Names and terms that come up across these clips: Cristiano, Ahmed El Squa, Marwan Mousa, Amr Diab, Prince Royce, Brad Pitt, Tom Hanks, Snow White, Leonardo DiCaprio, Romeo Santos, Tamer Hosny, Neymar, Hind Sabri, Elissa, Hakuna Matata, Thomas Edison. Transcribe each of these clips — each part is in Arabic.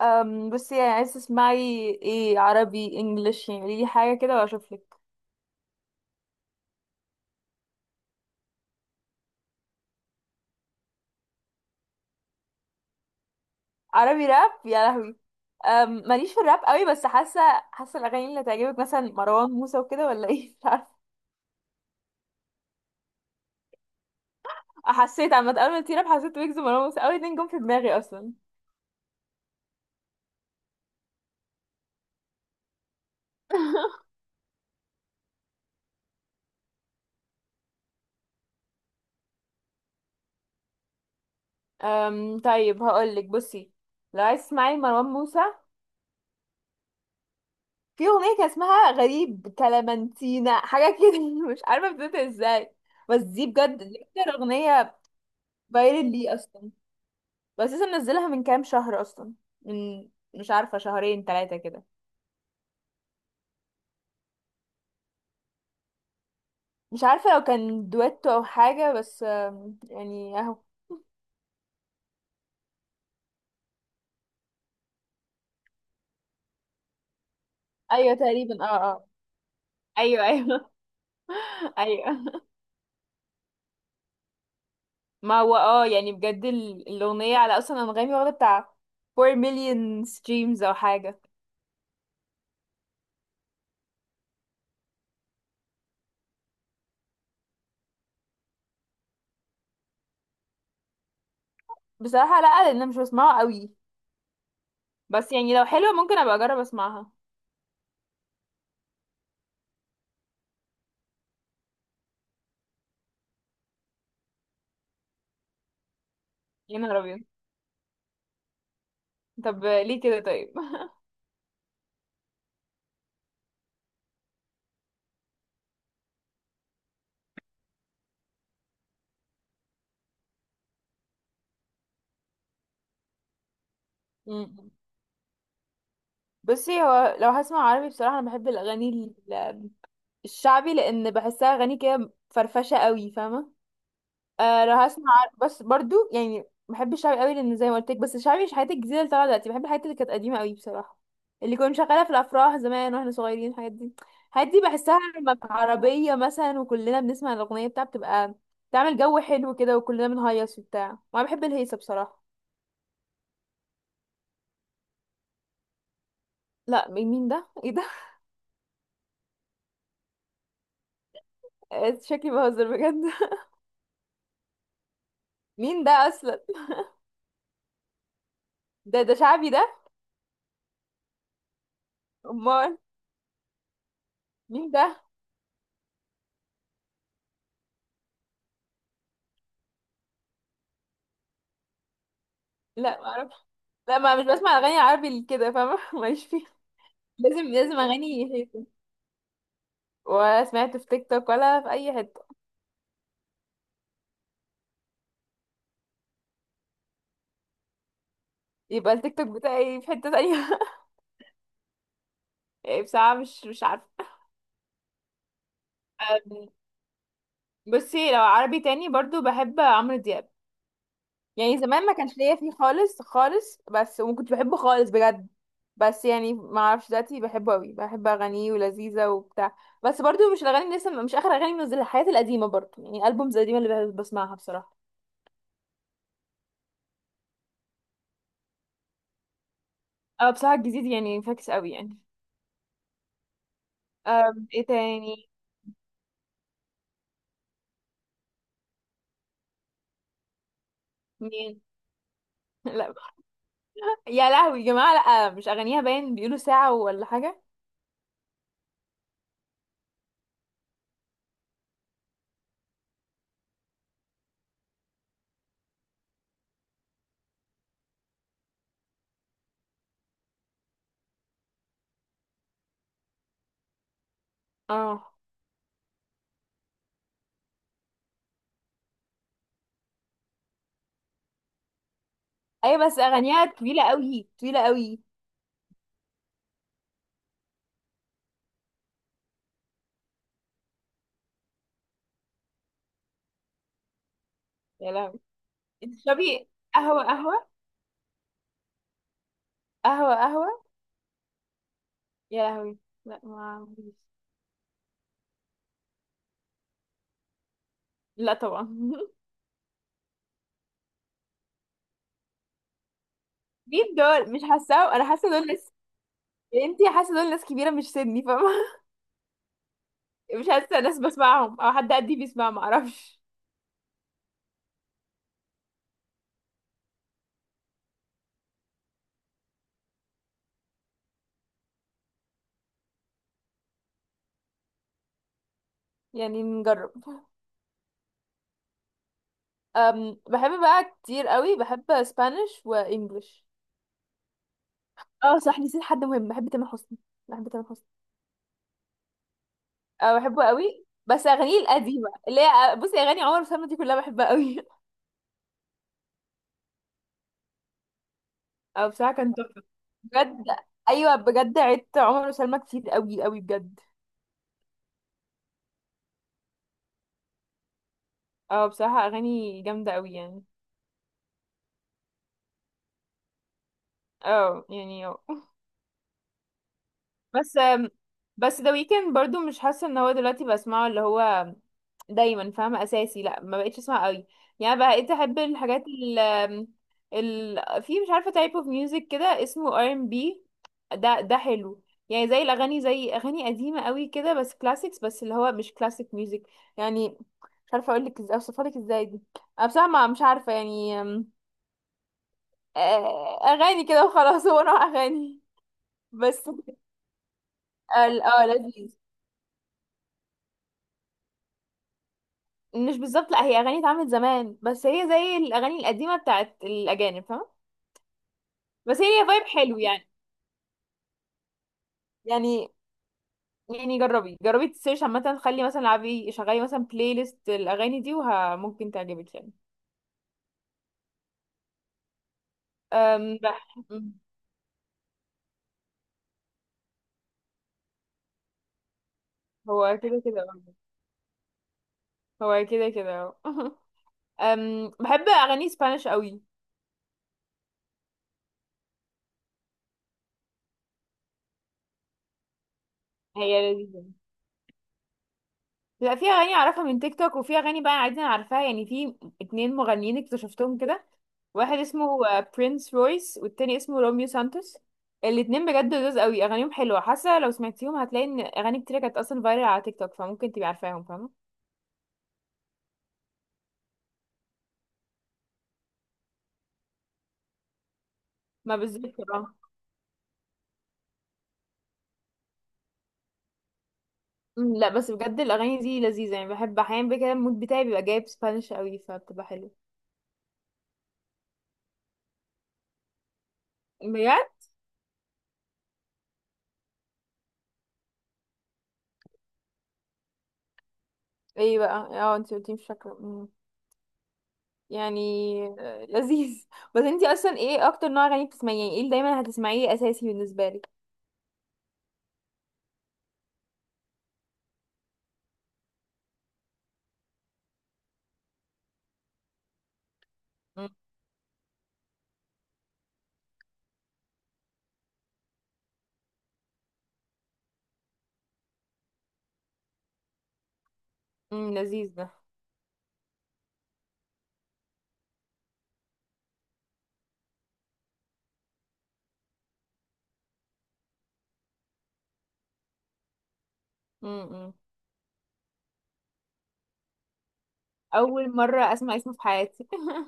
بس يعني عايز تسمعي ايه، عربي انجليش؟ يعني قولي لي حاجه كده واشوف لك. عربي راب، يا لهوي. ماليش في الراب قوي، بس حاسه الاغاني اللي تعجبك مثلا مروان موسى وكده، ولا ايه؟ مش عارفه. حسيت عامه اول ما تيجي راب حسيت ويجز ومروان موسى، اول اتنين جم في دماغي اصلا. طيب، هقول لك. بصي، لو عايز تسمعي مروان موسى، في اغنيه كان اسمها غريب، كلامنتينا، حاجه كده مش عارفه بتبدا ازاي. بس دي بجد، دي اكتر اغنيه بايرل لي اصلا. بس لسه منزلها من كام شهر اصلا، من مش عارفه، شهرين ثلاثه كده. مش عارفه لو كان دويتو او حاجه، بس يعني اهو. ايوه تقريبا، اه، اه. ايوه، ايوه. ايوه. ما هو اه، يعني بجد الاغنيه على اصلا انغامي واخده بتاع 4 مليون ستريمز او حاجه. بصراحه لا، لان انا مش بسمعه قوي. بس يعني لو حلوه ممكن ابقى اجرب اسمعها. يا نهار ابيض، طب ليه كده؟ طيب. مم. بصي، هو لو هسمع عربي بصراحه انا بحب الاغاني الشعبي، لان بحسها اغاني كده فرفشه قوي، فاهمه. آه، لو هسمع. بس برضو يعني بحب الشعبي قوي، لان زي ما قلت لك. بس الشعبي مش الحاجات الجديده اللي طالعه دلوقتي، بحب الحاجات اللي كانت قديمه قوي بصراحه. اللي كنا شغاله في الافراح زمان واحنا صغيرين، الحاجات دي. الحاجات دي بحسها لما عربيه مثلا وكلنا بنسمع الاغنيه بتاعها، بتبقى تعمل جو حلو كده، وكلنا بنهيص وبتاع، وانا بحب الهيصه بصراحه. لا، مين ده؟ ايه ده؟ آه، شكلي بهزر بجد. مين ده اصلا؟ ده شعبي ده؟ امال مين ده؟ لا، معرفش. لا، ما مش بسمع اغاني عربي كده، فاهمه؟ ماليش فيها. لازم لازم اغاني هيك؟ ولا سمعت في تيك توك، ولا في اي حته؟ يبقى التيك توك بتاعي في حته تانية. يعني بصراحه، مش عارفه. أم، بصي، لو عربي تاني برضو بحب عمرو دياب. يعني زمان ما كانش ليا فيه خالص خالص، بس وكنت بحبه خالص بجد. بس يعني ما اعرفش، دلوقتي بحبه قوي، بحب اغانيه ولذيذه وبتاع. بس برضو مش الاغاني اللي لسه، مش اخر اغاني منزلها، الحاجات القديمه برضو، يعني البومز القديمه اللي بسمعها بصراحه. اه بصراحه الجديد يعني فاكس قوي يعني. ايه تاني؟ مين؟ لا. يا لهوي يا جماعة، لا مش اغانيها؟ باين بيقولوا ساعة ولا حاجة. اه، ايوه، بس اغانيها طويلة قوي، طويلة قوي. يا لهوي! انت تشربي قهوة؟ قهوة؟ قهوة؟ قهوة! يا لهوي، لا ما عنديش. لا طبعا. مين دول؟ مش حاسة، انا حاسة دول ناس. انتي حاسة دول ناس كبيرة مش سني، فاهمة؟ مش حاسة ناس بسمعهم، او حد قدي بيسمع، معرفش. يعني نجرب. بحب بقى كتير قوي، بحب اسبانيش وانجلش. اه صح، نسيت حد مهم، بحب تامر حسني، بحب تامر حسني. اه بحبه قوي، بس اغانيه القديمه اللي هي بصي، اغاني عمر وسلمى دي كلها بحبها قوي. اه، بصراحه كان تحفه بجد. ايوه بجد، عدت عمر وسلمى كتير قوي قوي بجد. اه بصراحه اغاني جامده قوي يعني. اه، يعني. بس بس ذا ويكند برضو، مش حاسه ان هو دلوقتي بسمعه، اللي هو دايما، فاهمه، اساسي، لا، ما بقتش اسمع قوي. يعني بقيت احب الحاجات ال ال في، مش عارفه، تايب اوف ميوزك كده، اسمه ار ام بي. ده حلو. يعني، زي اغاني قديمه قوي كده، بس كلاسيكس، بس اللي هو مش كلاسيك ميوزك يعني. مش عارفه اقول لك ازاي، اوصفها لك ازاي دي. انا بصراحه مش عارفه يعني، اغاني كده وخلاص. هو نوع اغاني. بس اه لذيذ. مش بالظبط، لا، هي اغاني اتعملت زمان، بس هي زي الاغاني القديمه بتاعت الاجانب، فاهمه. بس هي ليها فايب حلو يعني يعني جربي جربي، تسيرش عامه، خلي مثلا العبي، شغلي مثلا بلاي ليست الاغاني دي، وممكن تعجبك يعني. أم بح... أم، هو كده كده، هو كده كده. بحب اغاني سبانيش قوي. هي لذيذه. بيبقى فيها اغاني اعرفها من تيك توك، وفي اغاني بقى عادي انا عارفاها يعني. في اتنين مغنيين اكتشفتهم كده، واحد اسمه برينس رويس، والتاني اسمه روميو سانتوس. الاتنين بجد لذاذ قوي، اغانيهم حلوه. حاسه لو سمعتيهم هتلاقي ان اغاني كتير كانت اصلا فايرال على تيك توك، فممكن تبقي عارفاهم، فاهمه. ما بالظبط بقى. لا، بس بجد الاغاني دي لذيذه، يعني بحب احيانا بقى كده المود بتاعي بيبقى جايب سبانش قوي، فبتبقى حلوه. بجد؟ ايه بقى؟ اه انت قلتي مش فاكره. يعني لذيذ. بس انتي اصلا، ايه اكتر نوع اغاني بتسمعيه؟ يعني ايه اللي دايما هتسمعيه اساسي بالنسبه لك؟ مم، مم، لذيذ ده. مم، مم. اول مره اسمع اسمه في حياتي.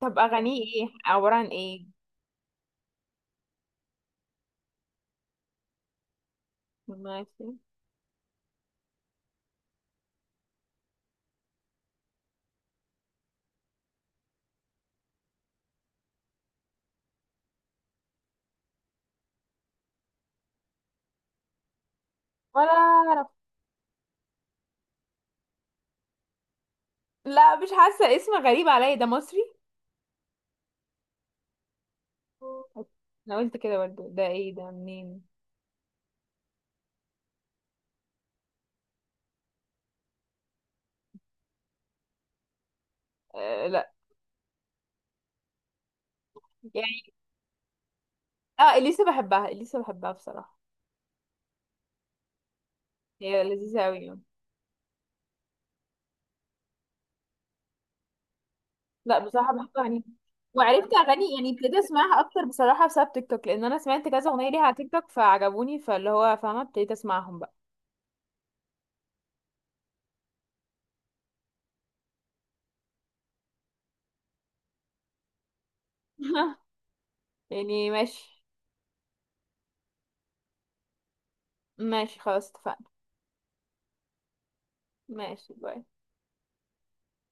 طب اغانيه ايه، عباره عن ايه؟ ماشي. ولا اعرف. لا، مش حاسه، اسم غريب عليا، ده مصري؟ انا قلت كده برضه، ده ايه، ده منين؟ آه، لا. يعني. اه، اليسا بحبها، اليسا بحبها بصراحه. هي لذيذه قوي. لا، بصراحة بحب أغانيها. وعرفت أغاني، يعني ابتديت أسمعها أكتر بصراحة بسبب تيك توك، لأن أنا سمعت كذا أغنية ليها على تيك توك فعجبوني، فاللي هو فاهمة ابتديت أسمعهم بقى. يعني ماشي، ماشي، خلاص اتفقنا. ماشي، باي.